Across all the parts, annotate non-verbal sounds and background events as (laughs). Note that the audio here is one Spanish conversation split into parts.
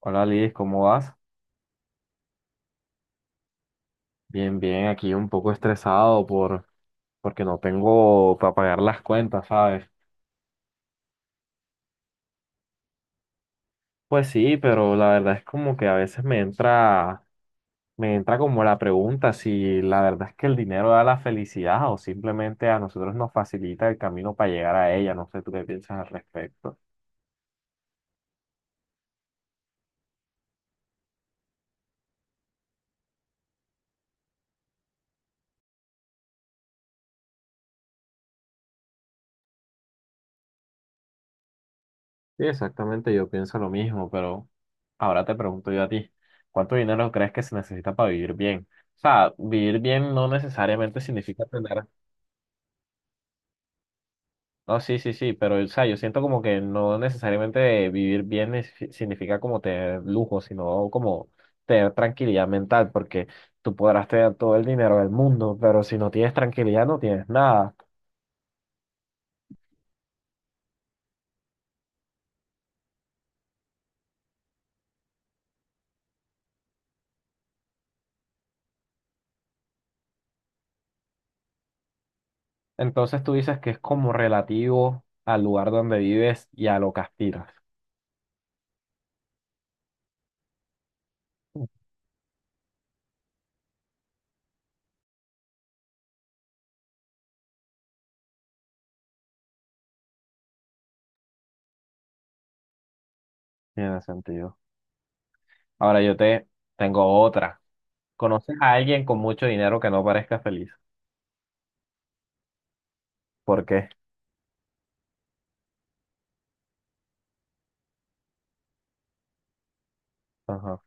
Hola Liz, ¿cómo vas? Bien, bien, aquí un poco estresado porque no tengo para pagar las cuentas, ¿sabes? Pues sí, pero la verdad es como que a veces me entra como la pregunta si la verdad es que el dinero da la felicidad o simplemente a nosotros nos facilita el camino para llegar a ella, no sé tú qué piensas al respecto. Sí, exactamente, yo pienso lo mismo, pero ahora te pregunto yo a ti, ¿cuánto dinero crees que se necesita para vivir bien? O sea, vivir bien no necesariamente significa tener. No, sí, sí, sí, pero o sea, yo siento como que no necesariamente vivir bien significa como tener lujo, sino como tener tranquilidad mental, porque tú podrás tener todo el dinero del mundo, pero si no tienes tranquilidad no tienes nada. Entonces tú dices que es como relativo al lugar donde vives y a lo que aspiras. Mm. Tiene sentido. Ahora yo te tengo otra. ¿Conoces a alguien con mucho dinero que no parezca feliz? ¿Por qué? Ajá.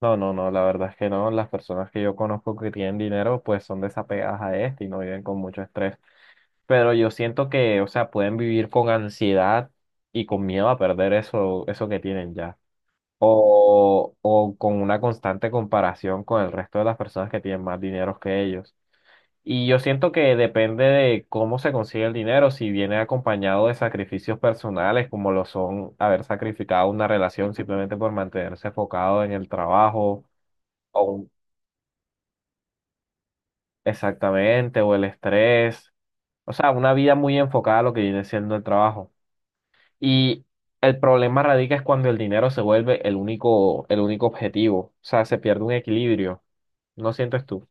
No, no, no, la verdad es que no. Las personas que yo conozco que tienen dinero, pues son desapegadas a este y no viven con mucho estrés. Pero yo siento que, o sea, pueden vivir con ansiedad y con miedo a perder eso, eso que tienen ya. O con una constante comparación con el resto de las personas que tienen más dinero que ellos. Y yo siento que depende de cómo se consigue el dinero, si viene acompañado de sacrificios personales, como lo son haber sacrificado una relación simplemente por mantenerse enfocado en el trabajo o exactamente, o el estrés, o sea, una vida muy enfocada a lo que viene siendo el trabajo. Y el problema radica es cuando el dinero se vuelve el único objetivo, o sea, se pierde un equilibrio, ¿no sientes tú?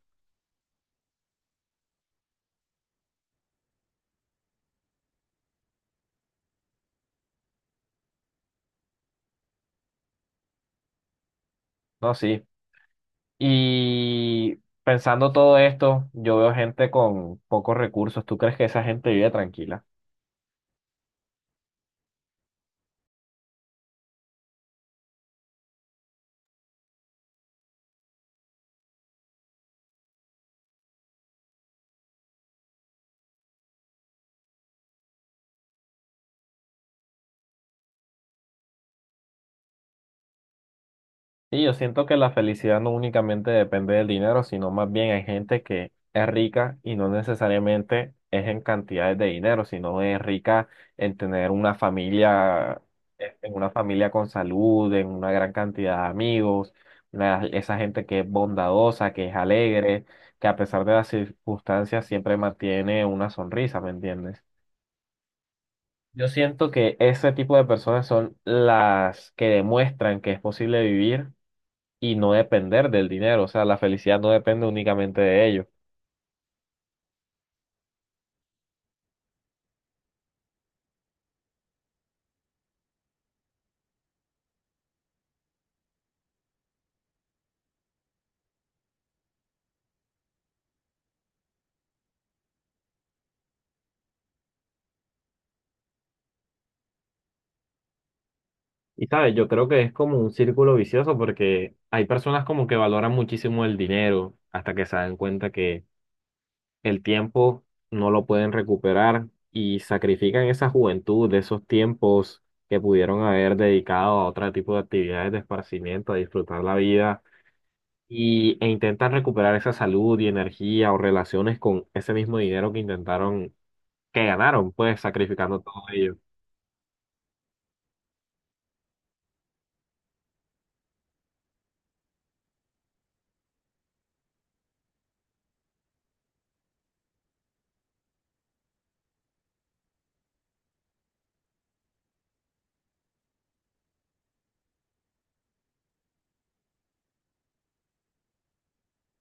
No, sí. Y pensando todo esto, yo veo gente con pocos recursos, ¿tú crees que esa gente vive tranquila? Y yo siento que la felicidad no únicamente depende del dinero, sino más bien hay gente que es rica y no necesariamente es en cantidades de dinero, sino es rica en tener una familia, en una familia con salud, en una gran cantidad de amigos, una- esa gente que es bondadosa, que es alegre, que a pesar de las circunstancias siempre mantiene una sonrisa, ¿me entiendes? Yo siento que ese tipo de personas son las que demuestran que es posible vivir y no depender del dinero, o sea, la felicidad no depende únicamente de ello. Y sabes, yo creo que es como un círculo vicioso porque hay personas como que valoran muchísimo el dinero hasta que se dan cuenta que el tiempo no lo pueden recuperar y sacrifican esa juventud, de esos tiempos que pudieron haber dedicado a otro tipo de actividades de esparcimiento, a disfrutar la vida y, e intentan recuperar esa salud y energía o relaciones con ese mismo dinero que intentaron, que ganaron, pues sacrificando todo ello.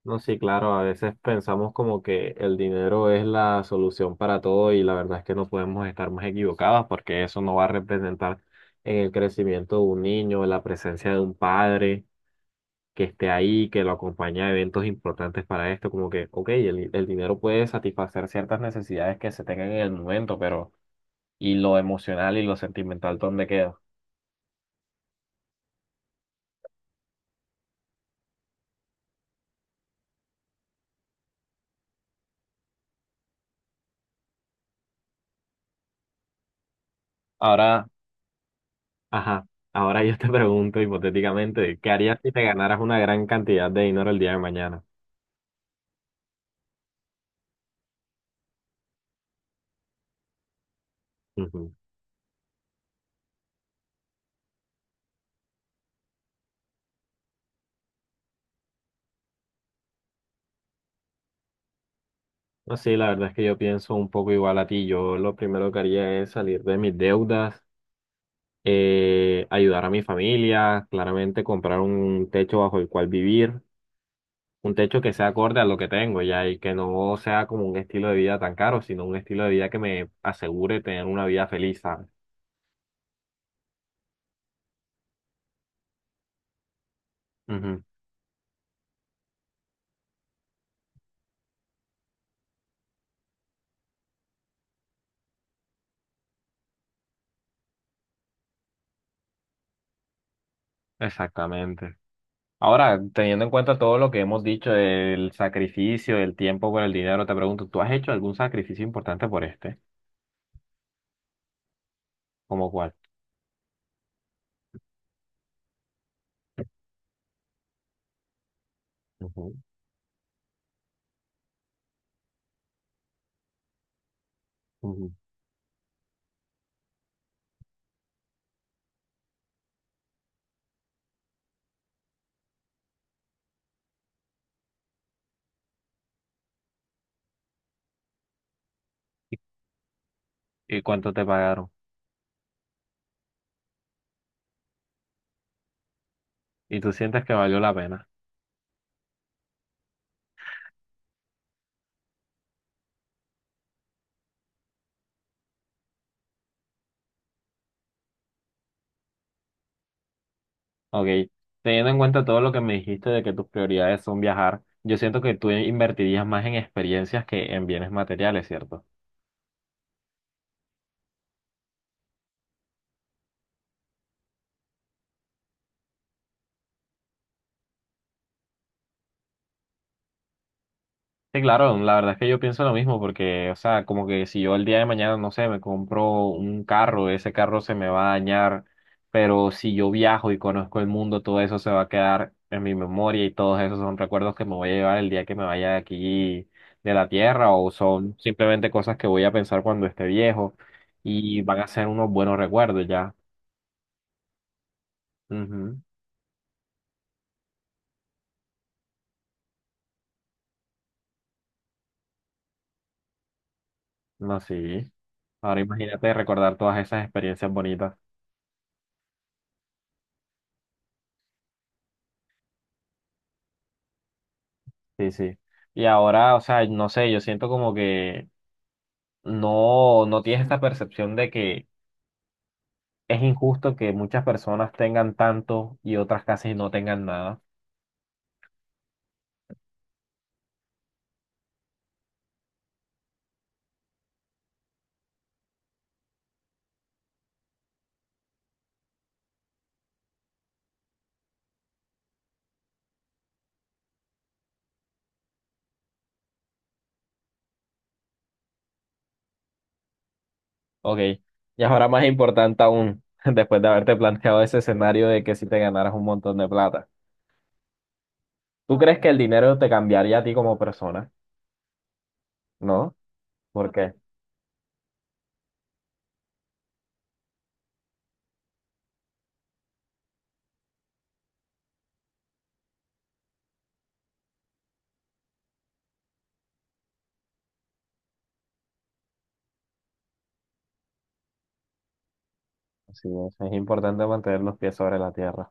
No, sí, claro, a veces pensamos como que el dinero es la solución para todo y la verdad es que no podemos estar más equivocadas porque eso no va a representar en el crecimiento de un niño, en la presencia de un padre que esté ahí, que lo acompañe a eventos importantes para esto, como que, ok, el dinero puede satisfacer ciertas necesidades que se tengan en el momento, pero ¿y lo emocional y lo sentimental dónde queda? Ahora, ajá, ahora yo te pregunto hipotéticamente, ¿qué harías si te ganaras una gran cantidad de dinero el día de mañana? Ujú. No, sí, la verdad es que yo pienso un poco igual a ti. Yo lo primero que haría es salir de mis deudas, ayudar a mi familia, claramente comprar un techo bajo el cual vivir, un techo que sea acorde a lo que tengo ya y que no sea como un estilo de vida tan caro, sino un estilo de vida que me asegure tener una vida feliz, ¿sabes? Ujú. Exactamente. Ahora, teniendo en cuenta todo lo que hemos dicho del sacrificio, del tiempo por el dinero, te pregunto, ¿tú has hecho algún sacrificio importante por este? ¿Cómo cuál? Ujú. Ujú. ¿Y cuánto te pagaron? ¿Y tú sientes que valió la pena? Ok, teniendo en cuenta todo lo que me dijiste de que tus prioridades son viajar, yo siento que tú invertirías más en experiencias que en bienes materiales, ¿cierto? Sí, claro, la verdad es que yo pienso lo mismo porque, o sea, como que si yo el día de mañana, no sé, me compro un carro, ese carro se me va a dañar, pero si yo viajo y conozco el mundo, todo eso se va a quedar en mi memoria y todos esos son recuerdos que me voy a llevar el día que me vaya de aquí de la tierra o son simplemente cosas que voy a pensar cuando esté viejo y van a ser unos buenos recuerdos ya. Ujú. No, sí. Ahora imagínate recordar todas esas experiencias bonitas. Sí, sí. Y ahora, o sea, no sé, yo siento como que no, no tienes esta percepción de que es injusto que muchas personas tengan tanto y otras casi no tengan nada. Ok. Y ahora más importante aún, (laughs) después de haberte planteado ese escenario de que si te ganaras un montón de plata, ¿tú crees que el dinero te cambiaría a ti como persona? ¿No? ¿Por qué? Así es importante mantener los pies sobre la tierra.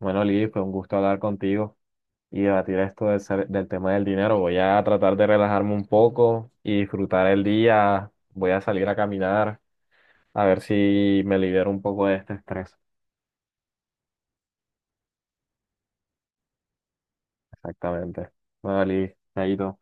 Bueno, Lidy, fue un gusto hablar contigo y debatir esto del tema del dinero. Voy a tratar de relajarme un poco y disfrutar el día. Voy a salir a caminar a ver si me libero un poco de este estrés. Exactamente. Vale, Chaito.